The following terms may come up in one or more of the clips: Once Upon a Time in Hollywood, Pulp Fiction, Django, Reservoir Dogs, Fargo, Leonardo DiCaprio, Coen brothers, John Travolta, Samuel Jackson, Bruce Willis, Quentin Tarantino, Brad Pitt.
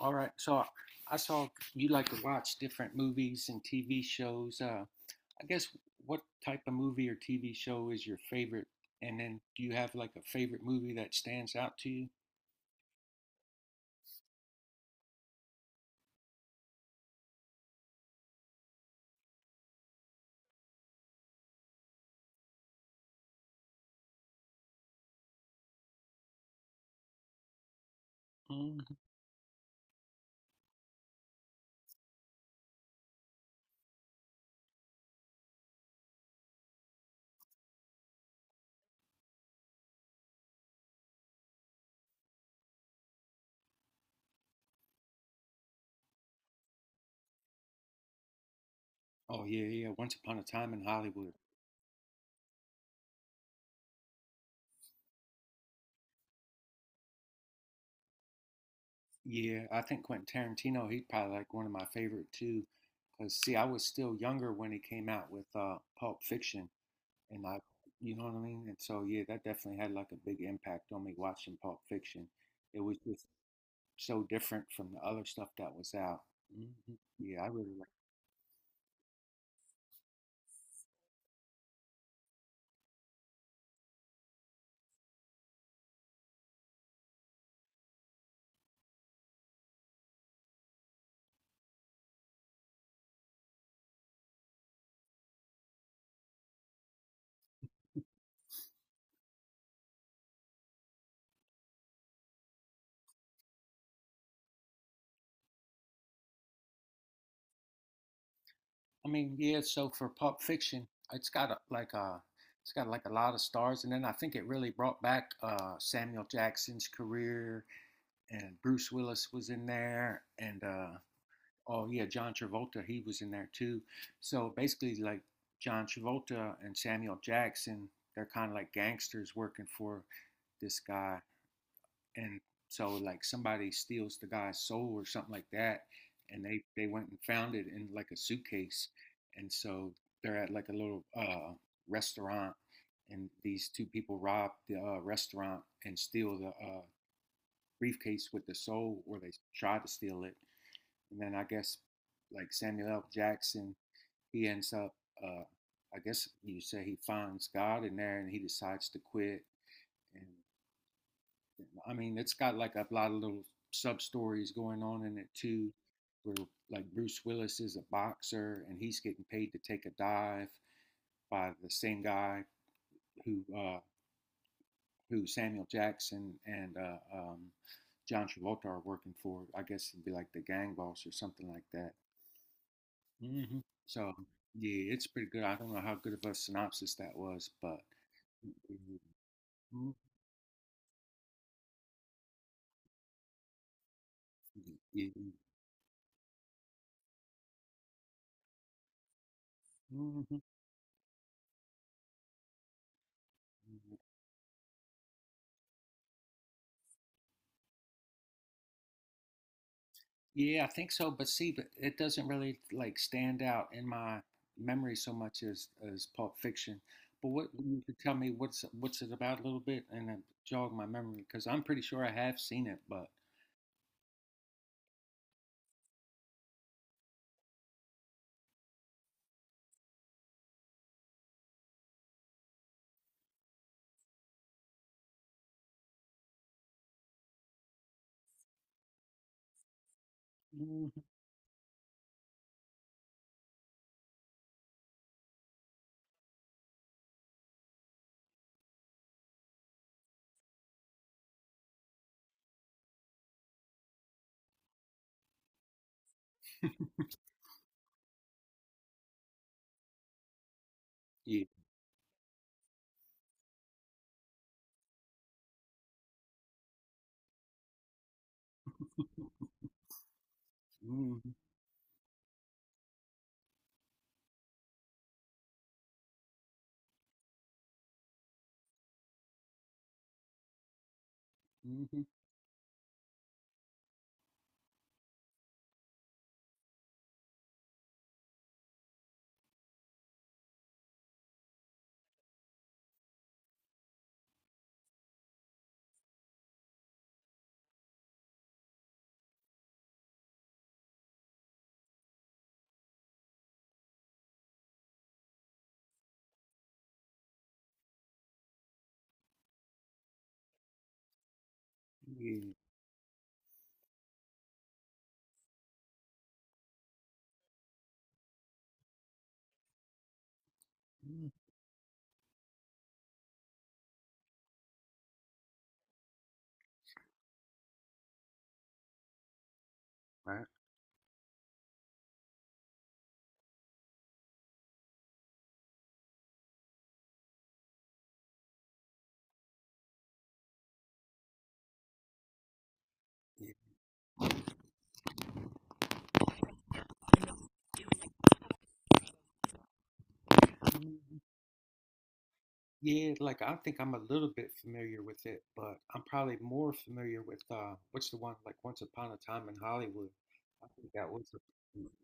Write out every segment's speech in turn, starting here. All right. Saw you like to watch different movies and TV shows. I guess what type of movie or TV show is your favorite? And then do you have like a favorite movie that stands out to you? Hmm Oh yeah, yeah. Once Upon a Time in Hollywood. Yeah, I think Quentin Tarantino, he's probably like one of my favorite too. Because see, I was still younger when he came out with Pulp Fiction, and I, you know what I mean? And so yeah, that definitely had like a big impact on me watching Pulp Fiction. It was just so different from the other stuff that was out. Hmm Yeah, I really like. I mean, yeah. So for Pulp Fiction, it's got a, like a, it's got like a lot of stars, and then I think it really brought back Samuel Jackson's career, and Bruce Willis was in there, and oh yeah, John Travolta he was in there too. So basically, like John Travolta and Samuel Jackson, they're kind of like gangsters working for this guy, and so like somebody steals the guy's soul or something like that, and they went and found it in like a suitcase, and so they're at like a little restaurant, and these two people rob the restaurant and steal the briefcase with the soul, or they try to steal it, and then I guess like Samuel L. Jackson, he ends up. Uh, I guess you say he finds God in there and he decides to quit, and I mean, it's got like a lot of little sub stories going on in it too, where like Bruce Willis is a boxer and he's getting paid to take a dive by the same guy who uh, who Samuel Jackson and John Travolta are working for. I guess it'd be like the gang boss or something like that. Hmm So yeah, it's pretty good. I don't know how good of a synopsis that was, but. Mhm. Yeah. Mhm. Yeah, I think so. But see, but it doesn't really like stand out in my memory so much as Pulp Fiction. But what you could tell me what's it about a little bit and then jog my memory because I'm pretty sure I have seen it. But mhm, yeah, hmm hmm yeah, hmm right. Yeah, like I think I'm a little bit familiar with it, but I'm probably more familiar with what's the one like Once Upon a Time in Hollywood. I think that was a,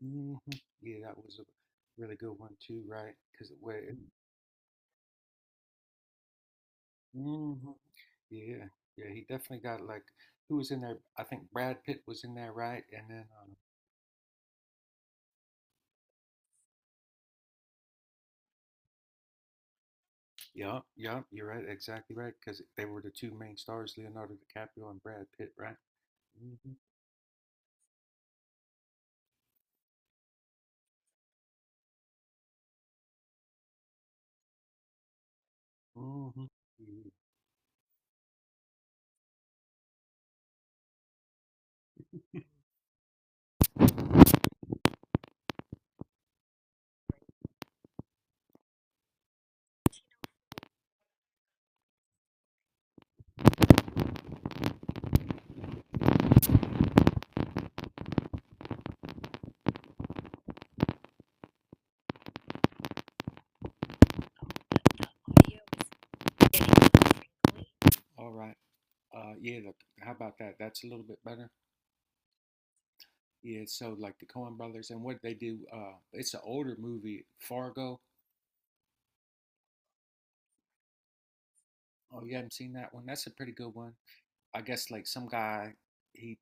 hmm yeah, that was a really good one too, right? Because it was, hmm yeah, yeah, he definitely got like who was in there? I think Brad Pitt was in there, right? Yeah, yeah, you're right, exactly right, because they were the two main stars, Leonardo DiCaprio and Brad Pitt, right? hmm hmm Yeah. All right. Yeah, look, how about that? That's a little bit better. Yeah, so like the Coen brothers and what they do, it's an older movie, Fargo. Oh, you haven't seen that one? That's a pretty good one. I guess like some guy, he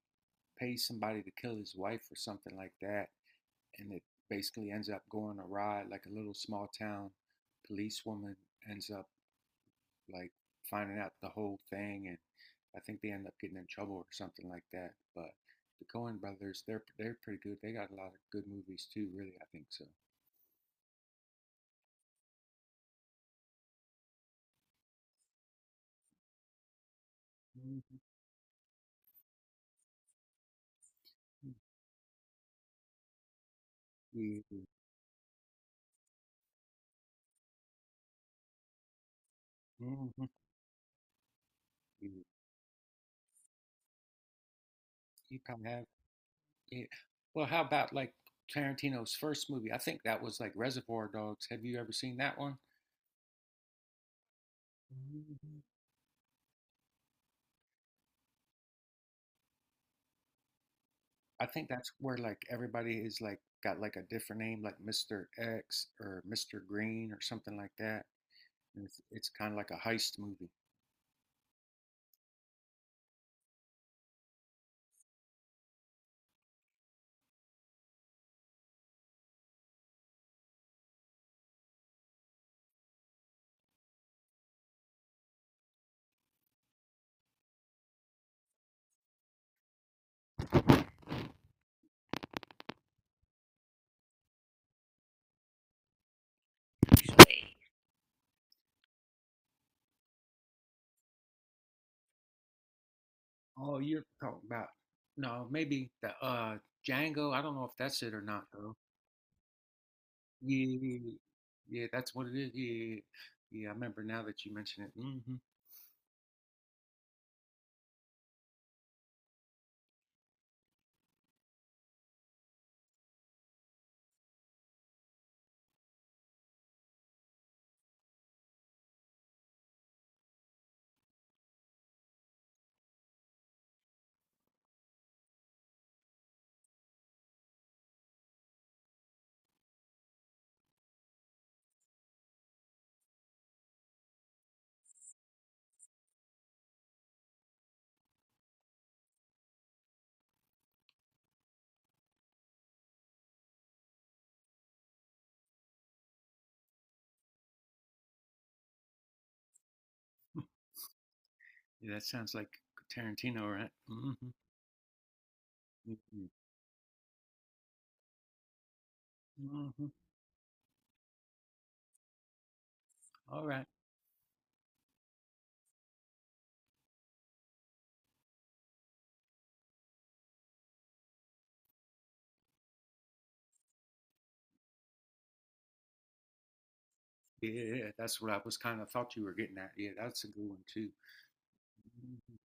pays somebody to kill his wife or something like that, and it basically ends up going awry. Like a little small town policewoman ends up like finding out the whole thing, and I think they end up getting in trouble or something like that. But the Coen brothers, they're pretty good. They got a lot of good movies too, really. I think so. Mhm. Yeah. Mhm. Yeah. You probably have. Yeah. Well, how about like Tarantino's first movie? I think that was like Reservoir Dogs. Have you ever seen that one? Mhm. I think that's where like everybody is like got like a different name, like Mr. X or Mr. Green or something like that. And it's kind of like a heist movie. Oh, you're talking about no, maybe the Django. I don't know if that's it or not though. Yeah, yeah, that's what it is. Yeah, yeah, I remember now that you mention it. Hmm Yeah, that sounds like Tarantino, right? hmm Mm-hmm. Mm-hmm. All right. Yeah, yeah, yeah, that's what I was kind of thought you were getting at. Yeah, that's a good one too. Mm-hmm.